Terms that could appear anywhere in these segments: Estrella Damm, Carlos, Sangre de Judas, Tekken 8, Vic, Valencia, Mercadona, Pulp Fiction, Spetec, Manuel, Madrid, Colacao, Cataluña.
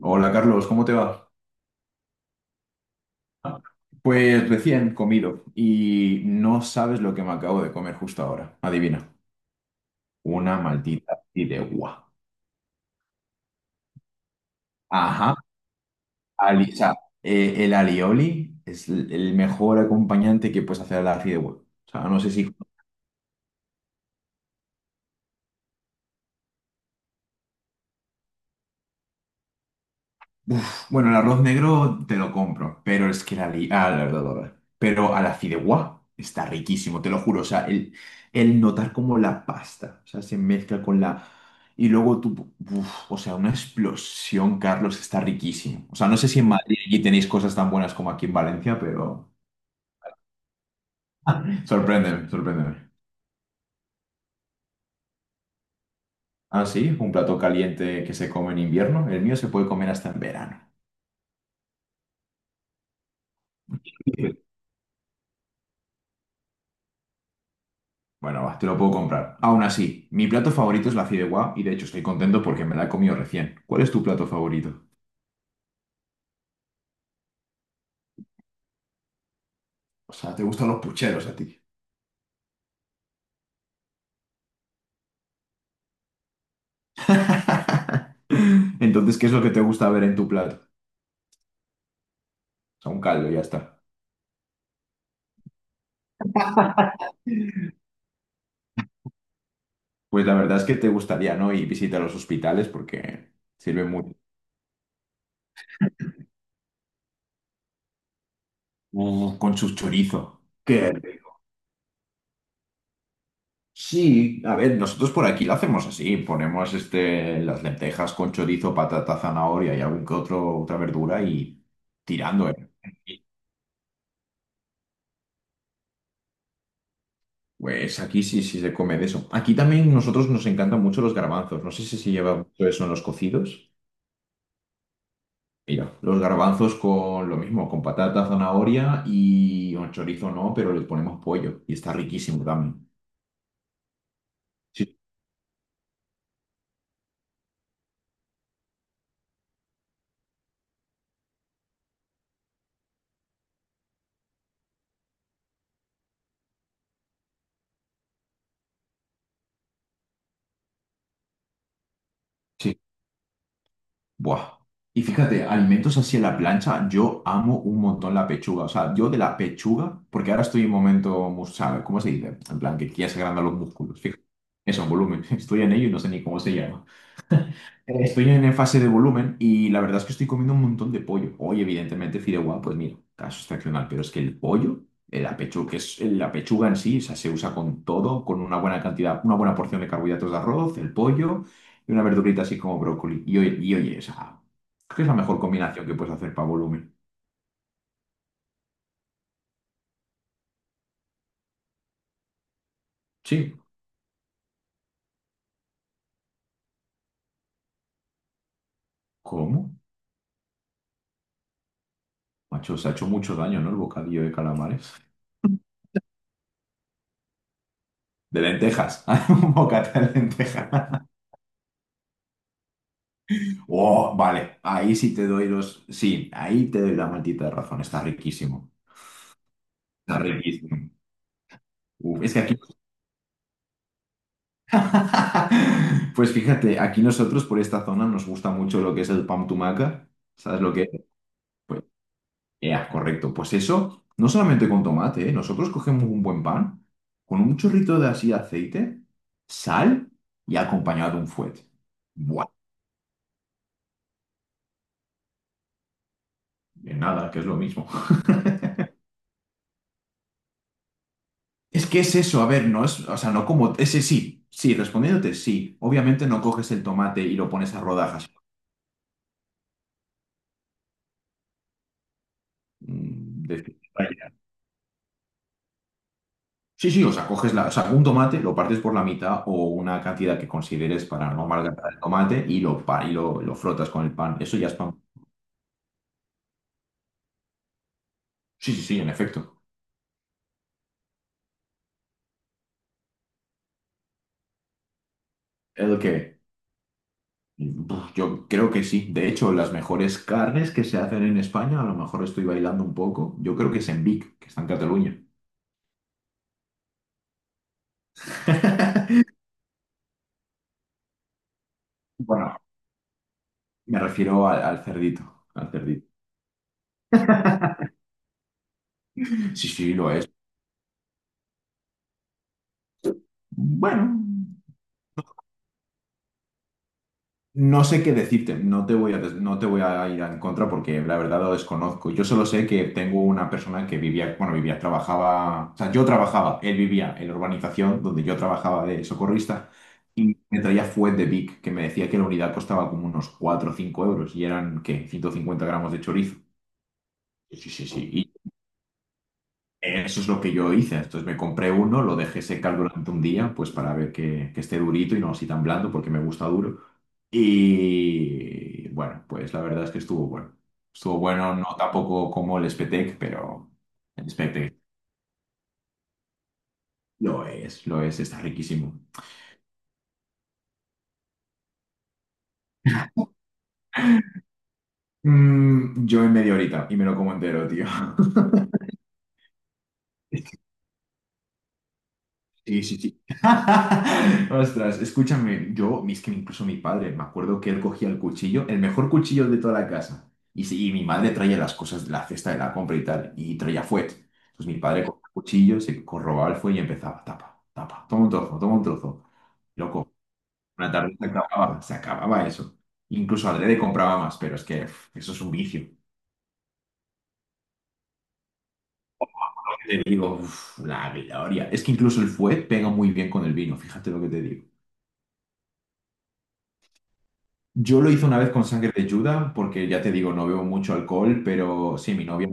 Hola Carlos, ¿cómo te va? Pues recién comido y no sabes lo que me acabo de comer justo ahora. Adivina, una maldita fideuá. Ajá, o sea, el alioli es el mejor acompañante que puedes hacer a la fideuá. O sea, no sé si... Uf, bueno, el arroz negro te lo compro, pero es que ah, la verdad, la verdad. Pero a la fideuá está riquísimo, te lo juro. O sea, el notar como la pasta, o sea, se mezcla con la... Y luego tú... Uf, o sea, una explosión, Carlos, está riquísimo. O sea, no sé si en Madrid allí tenéis cosas tan buenas como aquí en Valencia, pero... Sorpréndeme, sorpréndeme. Ah, sí, un plato caliente que se come en invierno. El mío se puede comer hasta en verano. Bueno, va, te lo puedo comprar. Aún así, mi plato favorito es la fideuá y de hecho estoy contento porque me la he comido recién. ¿Cuál es tu plato favorito? O sea, te gustan los pucheros a ti. Entonces, ¿qué es lo que te gusta ver en tu plato? O sea, un caldo, ya está. Pues la verdad es que te gustaría, ¿no? Y visita los hospitales porque sirve mucho. Con su chorizo. Qué rico. Sí, a ver, nosotros por aquí lo hacemos así, ponemos este, las lentejas con chorizo, patata, zanahoria y algún que otro, otra verdura y tirando, ¿eh? Pues aquí sí, sí se come de eso. Aquí también nosotros nos encantan mucho los garbanzos. No sé si se lleva mucho eso en los cocidos. Mira, los garbanzos con lo mismo, con patata, zanahoria y un chorizo no, pero le ponemos pollo y está riquísimo también. Sí, sí. Buah. Y fíjate, alimentos así en la plancha, yo amo un montón la pechuga. O sea, yo de la pechuga, porque ahora estoy en momento, ¿sabes? ¿Cómo se dice? En plan, que quieres agrandar los músculos. Fíjate, eso, en volumen. Estoy en ello y no sé ni cómo se llama. Estoy en fase de volumen y la verdad es que estoy comiendo un montón de pollo. Hoy, evidentemente, fideuá, pues mira, está excepcional, pero es que el pollo, la pechuga, que es la pechuga en sí, o sea, se usa con todo, con una buena cantidad, una buena porción de carbohidratos de arroz, el pollo y una verdurita así como brócoli. Y oye, o sea, creo que es la mejor combinación que puedes hacer para volumen. Sí, ¿cómo? Macho, se ha hecho mucho daño, ¿no? El bocadillo de calamares. De lentejas, un bocata de lentejas. Oh, vale, ahí sí te doy los. Sí, ahí te doy la maldita razón. Está riquísimo. Está riquísimo. Uf, es que aquí. Pues fíjate, aquí nosotros por esta zona nos gusta mucho lo que es el pan tumaca. ¿Sabes lo que es? Pues, ya, correcto. Pues eso, no solamente con tomate, ¿eh? Nosotros cogemos un buen pan, con un chorrito de así aceite, sal y acompañado de un fuet. Buah, de nada, que es lo mismo. Es que es eso, a ver, no es, o sea, no como, ese sí, sí, respondiéndote, sí. Obviamente no coges el tomate y lo pones a rodajas. Vaya. Sí, sí, o sea, coges la, o sea, un tomate, lo partes por la mitad o una cantidad que consideres para no amalgamar el tomate y y lo frotas con el pan. Eso ya es pan. Sí, sí, sí, en efecto. Es lo que buf, yo creo que sí. De hecho, las mejores carnes que se hacen en España, a lo mejor estoy bailando un poco, yo creo que es en Vic, que está en Cataluña. Bueno, me refiero al cerdito, al cerdito. Sí, sí, lo es. Bueno, no sé qué decirte, no te voy a, des- no te voy a ir en contra porque la verdad lo desconozco. Yo solo sé que tengo una persona que vivía, bueno, vivía, trabajaba, o sea, yo trabajaba, él vivía en la urbanización donde yo trabajaba de socorrista y me traía fuet de Vic, que me decía que la unidad costaba como unos 4 o 5 euros y eran, ¿qué? 150 gramos de chorizo. Sí, sí, sí. Eso es lo que yo hice. Entonces me compré uno, lo dejé secar durante un día, pues para ver que esté durito y no así tan blando, porque me gusta duro. Y bueno, pues la verdad es que estuvo bueno. Estuvo bueno, no tampoco como el Spetec, pero el Spetec lo es, está riquísimo. Yo en media horita y me lo como entero, tío. Sí, sí, sí. Ostras, escúchame, yo, es que incluso mi padre, me acuerdo que él cogía el cuchillo, el mejor cuchillo de toda la casa, y, sí, y mi madre traía las cosas de la cesta de la compra y tal, y traía fuet. Entonces mi padre cogía el cuchillo, se corrobaba el fuet y empezaba, tapa, tapa, toma un trozo, toma un trozo. Loco, una tarde se acababa eso. Incluso adrede compraba más, pero es que uf, eso es un vicio. Te digo, uf, la gloria. Es que incluso el fuet pega muy bien con el vino, fíjate lo que te digo. Yo lo hice una vez con sangre de Judas, porque ya te digo, no bebo mucho alcohol, pero sí, mi novia.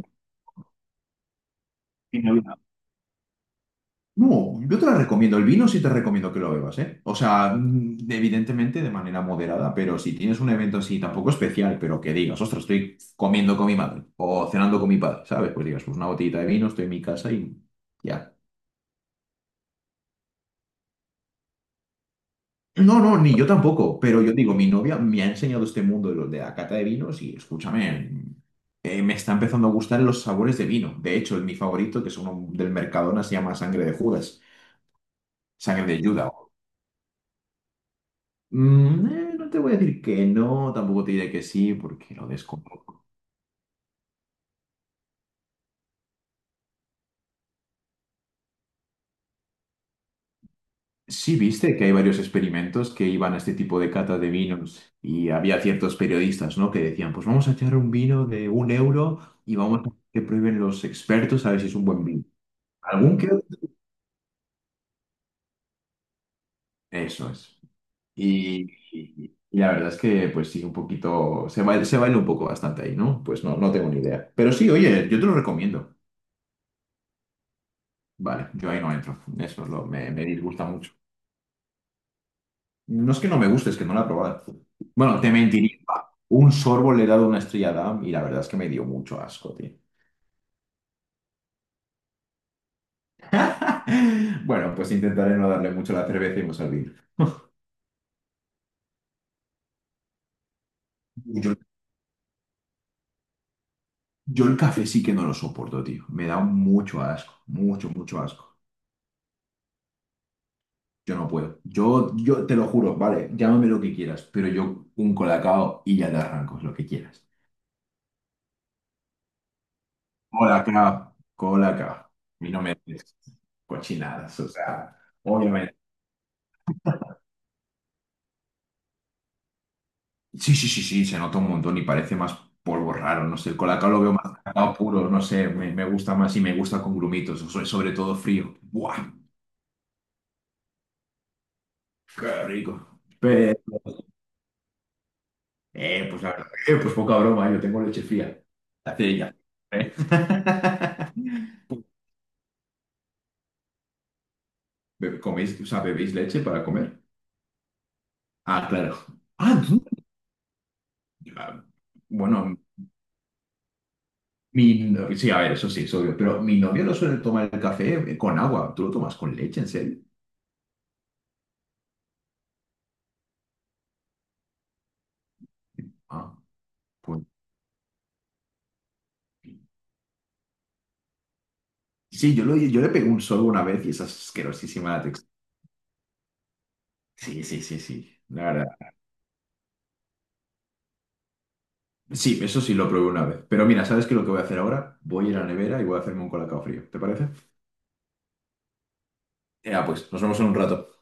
Mi novia. No, yo te la recomiendo. El vino sí te recomiendo que lo bebas, ¿eh? O sea, evidentemente de manera moderada, pero si tienes un evento así tampoco especial, pero que digas, ostras, estoy comiendo con mi madre o cenando con mi padre, ¿sabes? Pues digas, pues una botellita de vino, estoy en mi casa y ya. No, no, ni yo tampoco, pero yo digo, mi novia me ha enseñado este mundo de, de la cata de vinos y escúchame, me está empezando a gustar los sabores de vino. De hecho, mi favorito, que es uno del Mercadona, se llama Sangre de Judas, Sangre de Judas. No te voy a decir que no, tampoco te diré que sí, porque lo desconozco. Sí, viste que hay varios experimentos que iban a este tipo de cata de vinos y había ciertos periodistas, ¿no? que decían, pues vamos a echar un vino de 1 euro y vamos a que prueben los expertos a ver si es un buen vino. Algún que... Eso es. Y, y la verdad es que, pues sí, un poquito, se baila un poco bastante ahí, ¿no? Pues no, no tengo ni idea. Pero sí, oye, yo te lo recomiendo. Vale, yo ahí no entro. Eso es lo, me disgusta mucho. No es que no me guste, es que no la he probado. Bueno, te mentiría. Un sorbo le he dado una estrella Damm y la verdad es que me dio mucho asco, tío. Bueno, pues intentaré no darle mucho a la cerveza y no servir. Yo, yo el café sí que no lo soporto, tío. Me da mucho asco, mucho, mucho asco. Yo no puedo. Yo te lo juro, vale, llámame lo que quieras, pero yo un colacao y ya te arranco, lo que quieras. Colacao, colacao. Y no me des cochinadas, o sea, obviamente. Sí, sí, sí, sí, se nota un montón y parece más polvo raro, no sé, el colacao lo veo más cacao puro, no sé, me gusta más y me gusta con grumitos, sobre todo frío. ¡Buah! ¡Qué rico! Pero, pues la verdad, pues poca broma, yo tengo leche fría. Hace ella. ¿Eh? ¿Coméis, o sea, bebéis leche para comer? Ah, claro. Ah, tú- ah, bueno, mi, no- sí, a ver, eso sí, es obvio, pero mi novio no suele tomar el café con agua, ¿tú lo tomas con leche, en serio? Ah, pues sí, yo le pegué un solo una vez y es asquerosísima la textura. Sí, sí, sí, sí, la verdad. Sí, eso sí lo probé una vez. Pero mira, ¿sabes qué es lo que voy a hacer ahora? Voy a ir a la nevera y voy a hacerme un colacao frío, ¿te parece? Ya, pues, nos vemos en un rato.